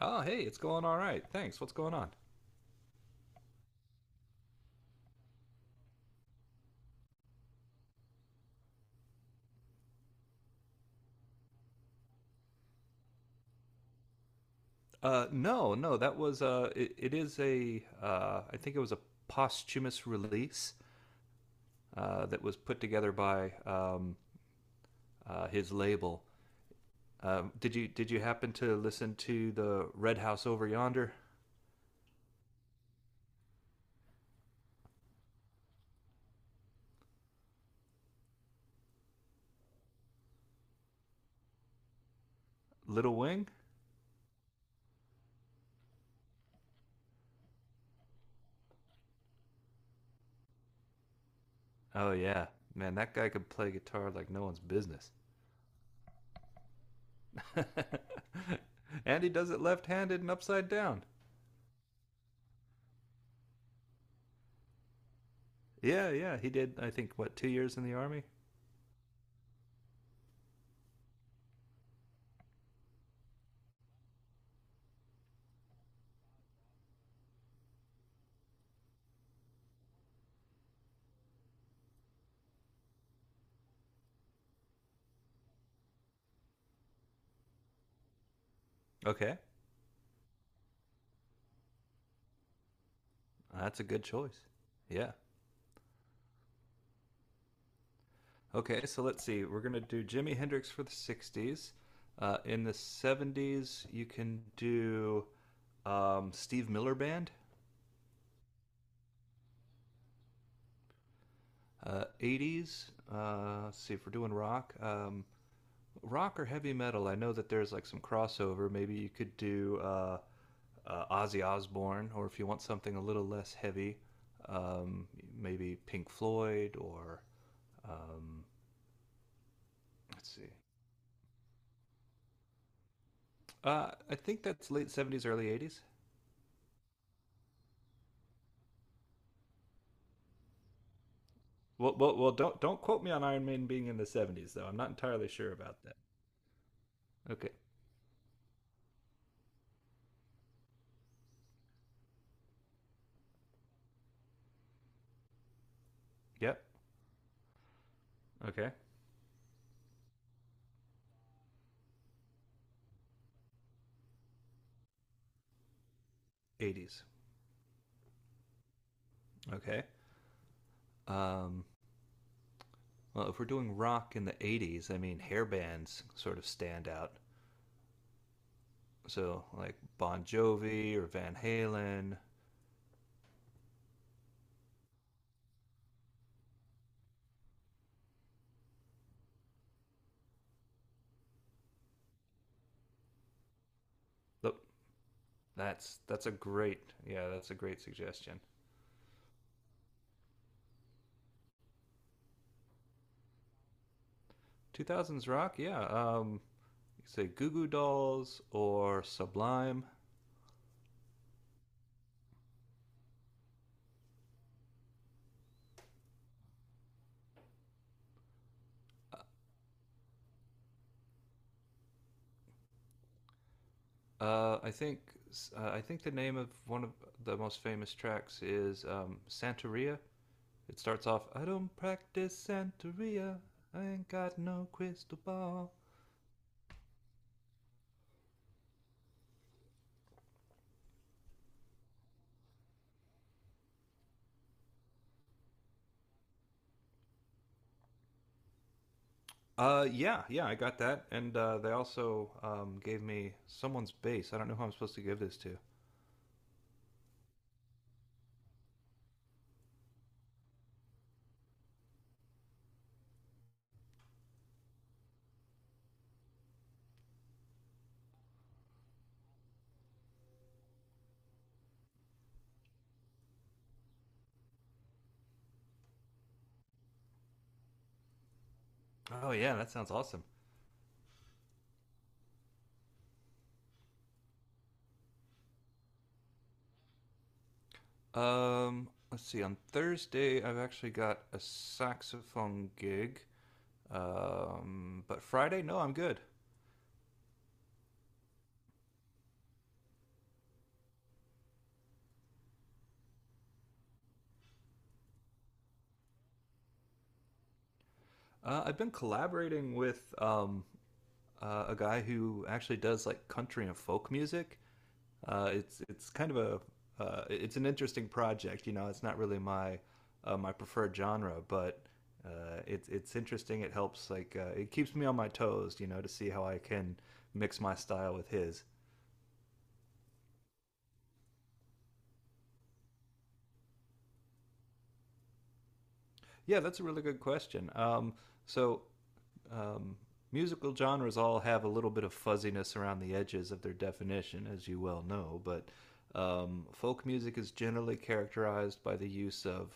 Oh, hey, it's going all right. Thanks. What's going on? No, that was it is a I think it was a posthumous release that was put together by his label. Did you happen to listen to the Red House over yonder, Little Wing? Oh yeah, man, that guy could play guitar like no one's business. And he does it left-handed and upside down. Yeah, yeah, he did. I think what 2 years in the army. Okay. That's a good choice. Yeah. Okay, so let's see. We're going to do Jimi Hendrix for the 60s. In the 70s, you can do Steve Miller Band. 80s, let's see if we're doing rock. Rock or heavy metal, I know that there's like some crossover. Maybe you could do Ozzy Osbourne, or if you want something a little less heavy, um, maybe Pink Floyd or um, let's see. I think that's late 70s, early 80s. Well, well, well, don't quote me on Iron Maiden being in the 70s, though. I'm not entirely sure about that. Okay. Yep. Okay. Eighties. Okay. Um. Well, if we're doing rock in the 80s, I mean, hair bands sort of stand out. So like Bon Jovi or Van Halen. Look, that's a great, yeah, that's a great suggestion. Two thousands rock, yeah. You could say Goo Goo Dolls or Sublime. Uh, I think I think the name of one of the most famous tracks is Santeria. It starts off, "I don't practice Santeria. I ain't got no crystal ball." Yeah, yeah, I got that, and they also gave me someone's bass. I don't know who I'm supposed to give this to. Oh yeah, that sounds awesome. Let's see. On Thursday, I've actually got a saxophone gig. But Friday, no, I'm good. I've been collaborating with a guy who actually does like country and folk music. It's kind of a it's an interesting project. You know, it's not really my my preferred genre, but it's interesting. It helps like, it keeps me on my toes. You know, to see how I can mix my style with his. Yeah, that's a really good question. So um, musical genres all have a little bit of fuzziness around the edges of their definition, as you well know, but folk music is generally characterized by the use of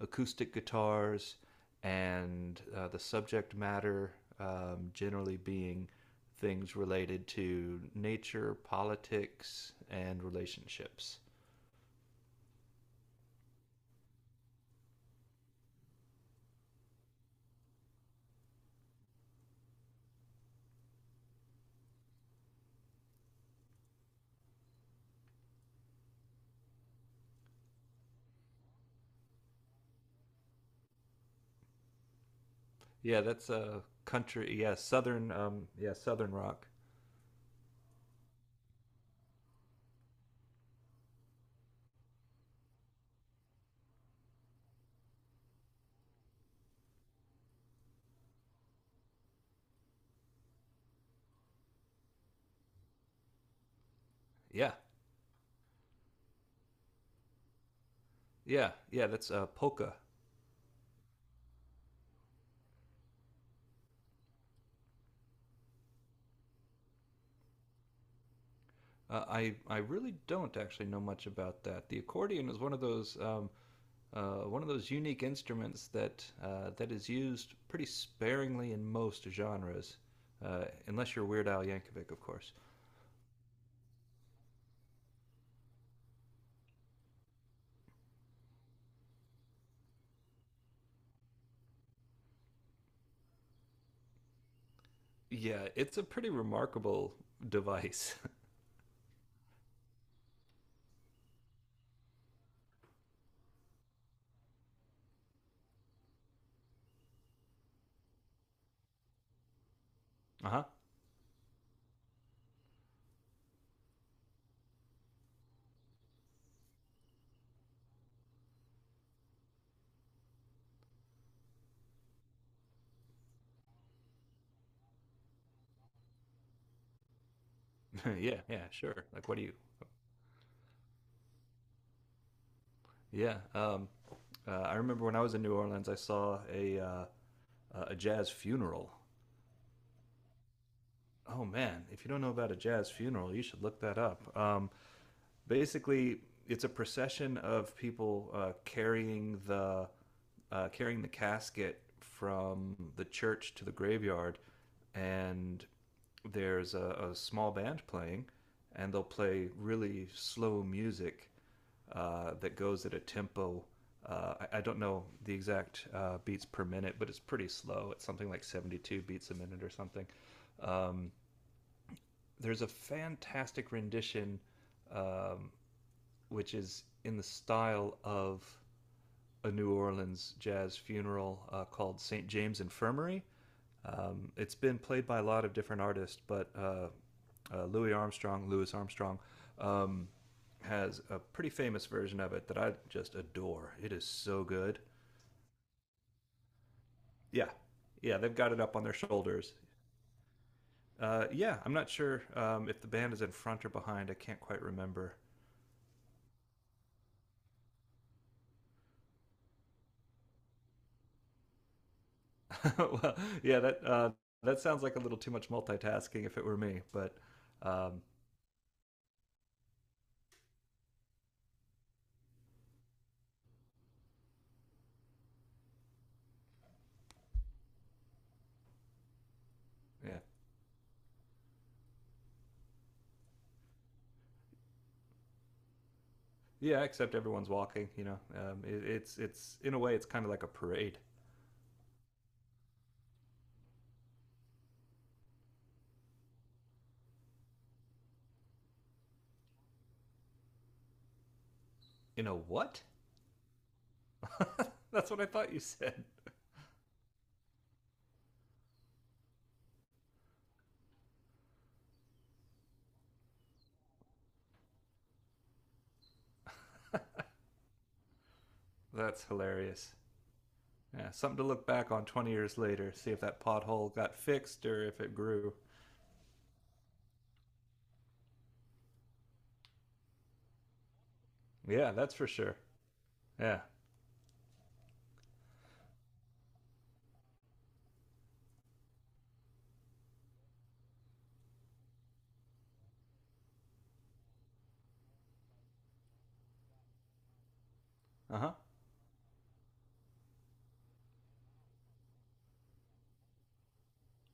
acoustic guitars and, the subject matter generally being things related to nature, politics, and relationships. Yeah, that's country. Yeah, southern. Yeah, southern rock. Yeah, yeah, yeah. That's polka. I really don't actually know much about that. The accordion is one of those unique instruments that that is used pretty sparingly in most genres, unless you're Weird Al Yankovic, of course. Yeah, it's a pretty remarkable device. Uh huh. Yeah, yeah, sure. Like, what do you? Yeah. I remember when I was in New Orleans, I saw a jazz funeral. Oh man, if you don't know about a jazz funeral, you should look that up. Basically it's a procession of people, carrying the casket from the church to the graveyard, and there's a small band playing, and they'll play really slow music that goes at a tempo. I don't know the exact beats per minute, but it's pretty slow. It's something like 72 beats a minute or something. There's a fantastic rendition um, which is in the style of a New Orleans jazz funeral, called St. James Infirmary. It's been played by a lot of different artists, but Louis Armstrong, Louis Armstrong um, has a pretty famous version of it that I just adore. It is so good. Yeah, yeah, they've got it up on their shoulders. Yeah, I'm not sure if the band is in front or behind. I can't quite remember. Well, yeah, that that sounds like a little too much multitasking if it were me. But um, yeah, yeah. Except everyone's walking. You know, it's in a way it's kind of like a parade. In a what? That's what I thought you said. That's hilarious. Yeah, something to look back on 20 years later, see if that pothole got fixed or if it grew. Yeah, that's for sure. Yeah. Uh huh.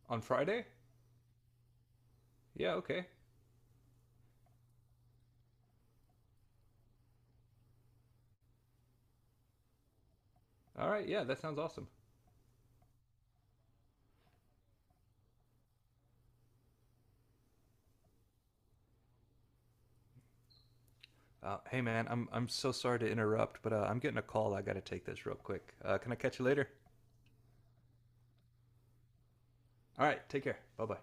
On Friday? Yeah. Okay. All right. Yeah, that sounds awesome. Hey man, I'm so sorry to interrupt, but I'm getting a call. I got to take this real quick. Can I catch you later? All right, take care. Bye bye.